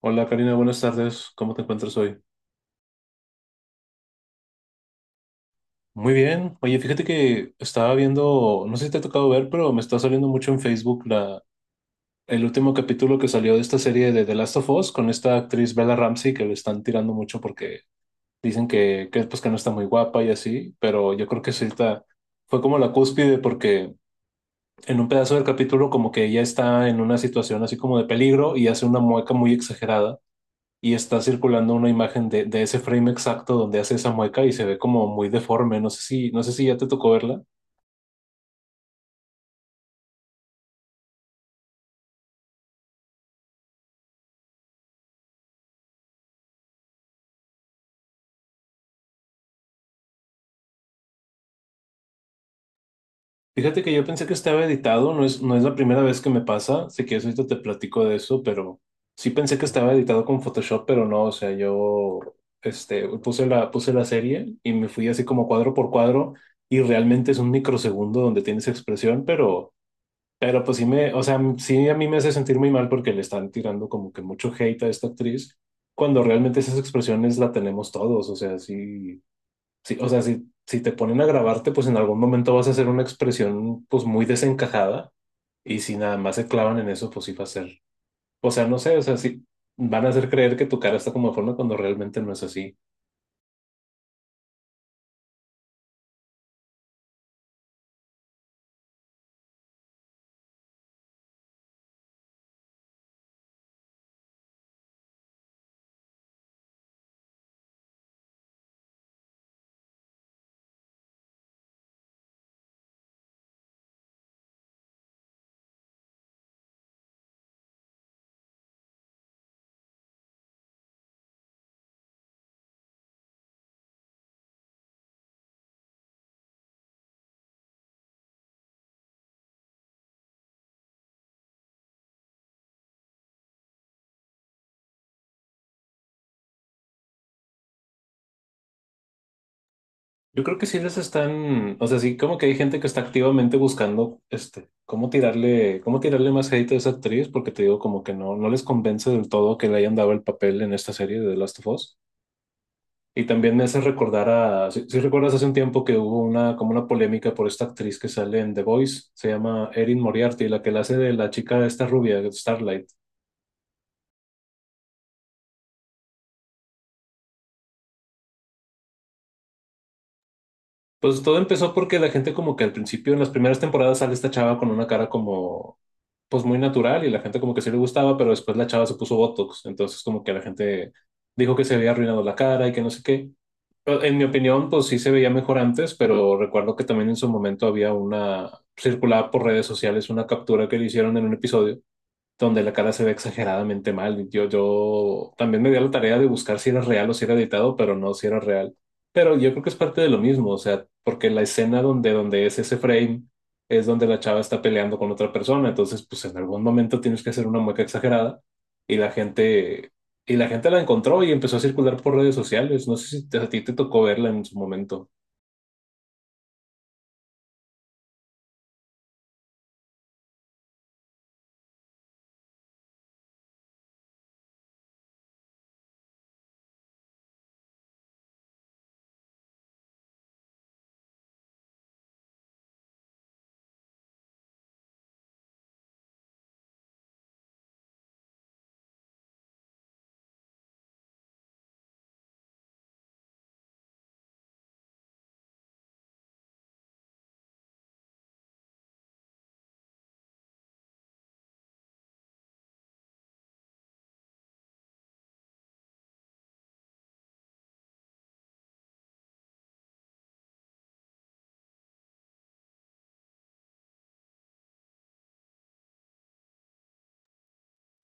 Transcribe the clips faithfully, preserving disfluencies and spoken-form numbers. Hola Karina, buenas tardes. ¿Cómo te encuentras hoy? Muy bien. Oye, fíjate que estaba viendo, no sé si te ha tocado ver, pero me está saliendo mucho en Facebook la, el último capítulo que salió de esta serie de The Last of Us con esta actriz Bella Ramsey que le están tirando mucho porque dicen que, que, pues, que no está muy guapa y así, pero yo creo que sí está, fue como la cúspide porque en un pedazo del capítulo como que ella está en una situación así como de peligro y hace una mueca muy exagerada y está circulando una imagen de, de ese frame exacto donde hace esa mueca y se ve como muy deforme. No sé si, no sé si ya te tocó verla. Fíjate que yo pensé que estaba editado, no es, no es la primera vez que me pasa, sé que ahorita te platico de eso, pero sí pensé que estaba editado con Photoshop, pero no, o sea, yo este, puse la, puse la serie y me fui así como cuadro por cuadro y realmente es un microsegundo donde tienes expresión, pero Pero pues sí me, o sea, sí a mí me hace sentir muy mal porque le están tirando como que mucho hate a esta actriz, cuando realmente esas expresiones la tenemos todos, o sea, sí, sí, o sea, si, si te ponen a grabarte, pues en algún momento vas a hacer una expresión pues muy desencajada y si nada más se clavan en eso, pues sí va a ser, o sea, no sé, o sea, sí van a hacer creer que tu cara está como de forma cuando realmente no es así. Yo creo que sí les están, o sea, sí, como que hay gente que está activamente buscando, este, cómo tirarle, cómo tirarle más hate a esa actriz, porque te digo, como que no, no les convence del todo que le hayan dado el papel en esta serie de The Last of Us. Y también me hace recordar a, si, si recuerdas hace un tiempo que hubo una, como una polémica por esta actriz que sale en The Voice, se llama Erin Moriarty, la que la hace de la chica esta rubia, Starlight. Pues todo empezó porque la gente como que al principio, en las primeras temporadas, sale esta chava con una cara como pues muy natural y la gente como que sí le gustaba, pero después la chava se puso Botox, entonces como que la gente dijo que se había arruinado la cara y que no sé qué. Pero en mi opinión, pues sí se veía mejor antes, pero recuerdo que también en su momento había una, circulada por redes sociales una captura que le hicieron en un episodio donde la cara se ve exageradamente mal. Yo, yo también me di a la tarea de buscar si era real o si era editado, pero no si era real. Pero yo creo que es parte de lo mismo, o sea, porque la escena donde, donde es ese frame es donde la chava está peleando con otra persona, entonces pues en algún momento tienes que hacer una mueca exagerada y la gente, y la gente la encontró y empezó a circular por redes sociales. No sé si te- a ti te tocó verla en su momento.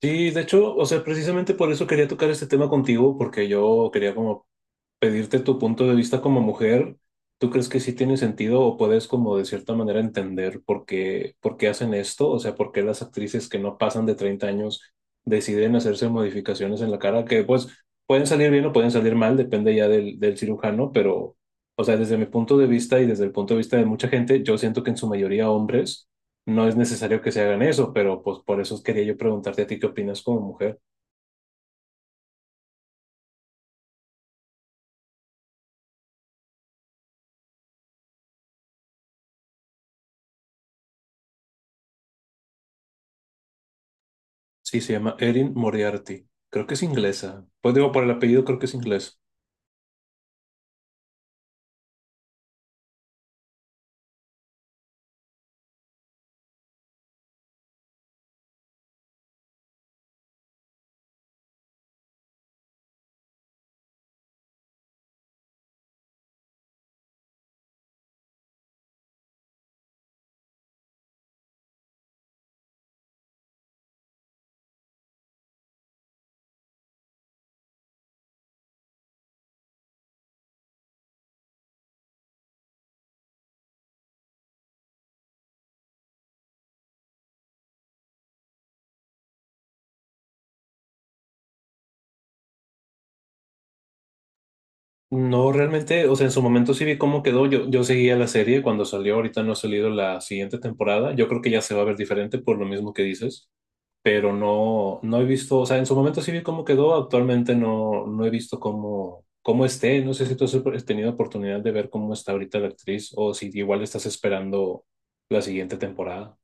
Sí, de hecho, o sea, precisamente por eso quería tocar este tema contigo, porque yo quería como pedirte tu punto de vista como mujer. ¿Tú crees que sí tiene sentido o puedes como de cierta manera entender por qué, por qué hacen esto? O sea, por qué las actrices que no pasan de treinta años deciden hacerse modificaciones en la cara que pues pueden salir bien o pueden salir mal, depende ya del, del cirujano, pero, o sea, desde mi punto de vista y desde el punto de vista de mucha gente, yo siento que en su mayoría hombres no es necesario que se hagan eso, pero pues por eso quería yo preguntarte a ti qué opinas como mujer. Sí, se llama Erin Moriarty. Creo que es inglesa. Pues digo, por el apellido creo que es inglés. No, realmente, o sea, en su momento sí vi cómo quedó. Yo, yo seguía la serie cuando salió, ahorita no ha salido la siguiente temporada. Yo creo que ya se va a ver diferente por lo mismo que dices. Pero no, no he visto, o sea, en su momento sí vi cómo quedó, actualmente no, no he visto cómo, cómo esté, no sé si tú has tenido oportunidad de ver cómo está ahorita la actriz o si igual estás esperando la siguiente temporada.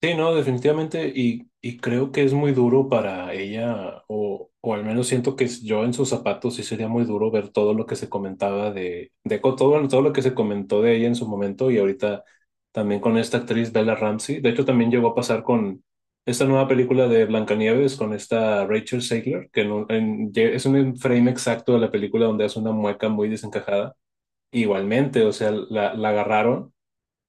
Sí, no, definitivamente, y, y creo que es muy duro para ella, o, o al menos siento que yo en sus zapatos sí sería muy duro ver todo lo que se comentaba de, de co- todo, todo lo que se comentó de ella en su momento y ahorita también con esta actriz Bella Ramsey. De hecho, también llegó a pasar con esta nueva película de Blancanieves con esta Rachel Zegler, que en un- en- lle- es un frame exacto de la película donde hace una mueca muy desencajada. Igualmente, o sea, la la agarraron.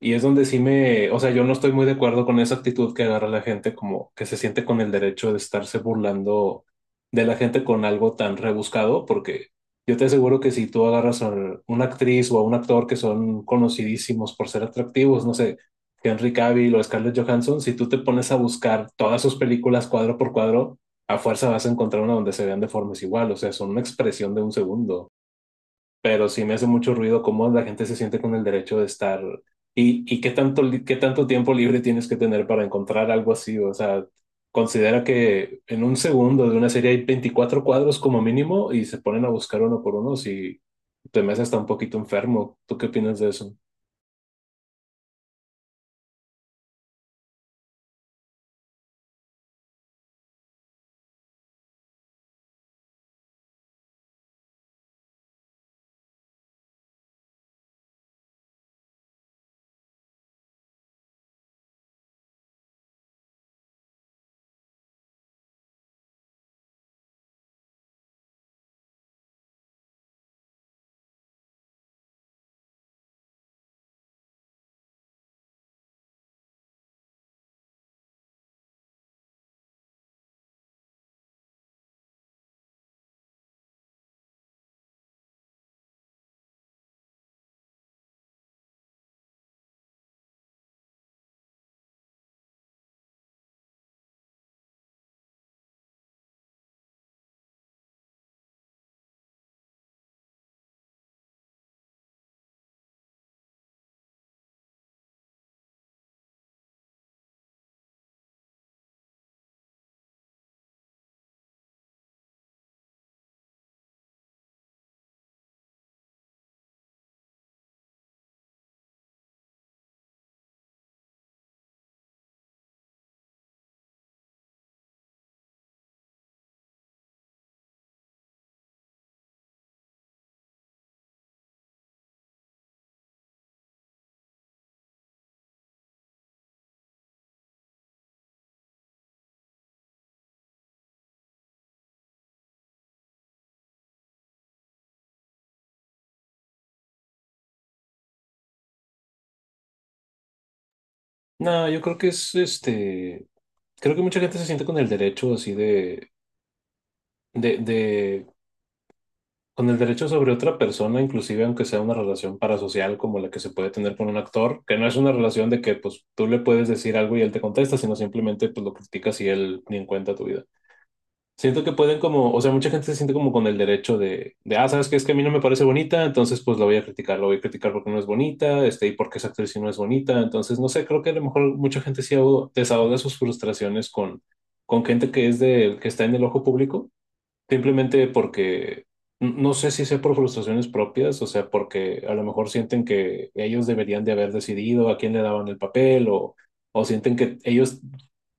Y es donde sí me, o sea, yo no estoy muy de acuerdo con esa actitud que agarra la gente como que se siente con el derecho de estarse burlando de la gente con algo tan rebuscado, porque yo te aseguro que si tú agarras a una actriz o a un actor que son conocidísimos por ser atractivos, no sé, Henry Cavill o Scarlett Johansson, si tú te pones a buscar todas sus películas cuadro por cuadro, a fuerza vas a encontrar una donde se vean de formas igual, o sea, son una expresión de un segundo, pero sí me hace mucho ruido cómo la gente se siente con el derecho de estar y, y qué tanto, li- qué tanto tiempo libre tienes que tener para encontrar algo así. O sea, considera que en un segundo de una serie hay veinticuatro cuadros como mínimo y se ponen a buscar uno por uno. Si te me hace hasta un poquito enfermo, ¿tú qué opinas de eso? No, yo creo que es este, creo que mucha gente se siente con el derecho así de, de, de con el derecho sobre otra persona, inclusive aunque sea una relación parasocial como la que se puede tener con un actor, que no es una relación de que pues tú le puedes decir algo y él te contesta, sino simplemente pues lo criticas y él ni en cuenta tu vida. Siento que pueden como, o sea, mucha gente se siente como con el derecho de, de ah, sabes que es que a mí no me parece bonita, entonces pues la voy a criticar, la voy a criticar porque no es bonita, este, y porque esa actriz sí no es bonita, entonces no sé, creo que a lo mejor mucha gente sí ahoga- desahoga sus frustraciones con, con gente que es de, que está en el ojo público simplemente porque n- no sé si sea por frustraciones propias, o sea, porque a lo mejor sienten que ellos deberían de haber decidido a quién le daban el papel o, o sienten que ellos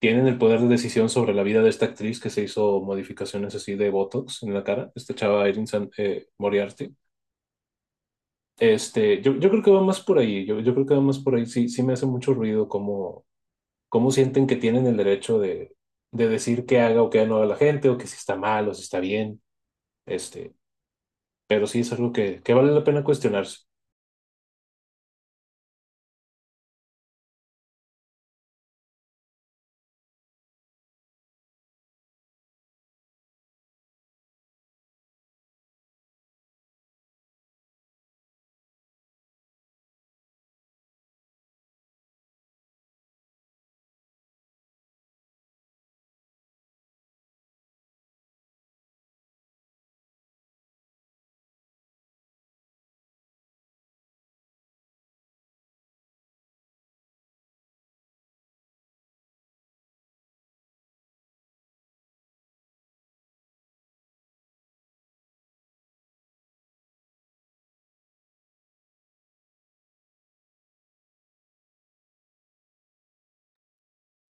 tienen el poder de decisión sobre la vida de esta actriz que se hizo modificaciones así de Botox en la cara, esta chava Erin San- eh, Moriarty. Este, yo, yo creo que va más por ahí, yo, yo creo que va más por ahí, sí, sí me hace mucho ruido cómo, cómo sienten que tienen el derecho de, de decir qué haga o qué no haga la gente o que si está mal o si está bien. Este, pero sí es algo que, que vale la pena cuestionarse.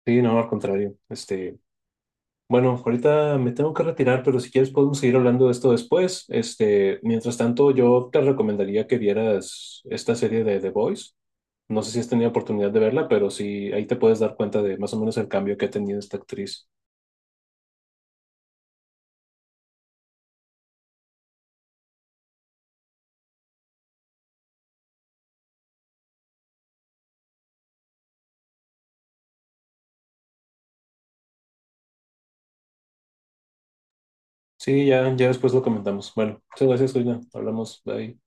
Sí, no, al contrario. Este, bueno, ahorita me tengo que retirar, pero si quieres podemos seguir hablando de esto después. Este, mientras tanto, yo te recomendaría que vieras esta serie de The Voice. No sé si has tenido oportunidad de verla, pero sí, ahí te puedes dar cuenta de más o menos el cambio que ha tenido esta actriz. Sí, ya, ya después lo comentamos. Bueno, muchas gracias, Karina. Hablamos. Bye.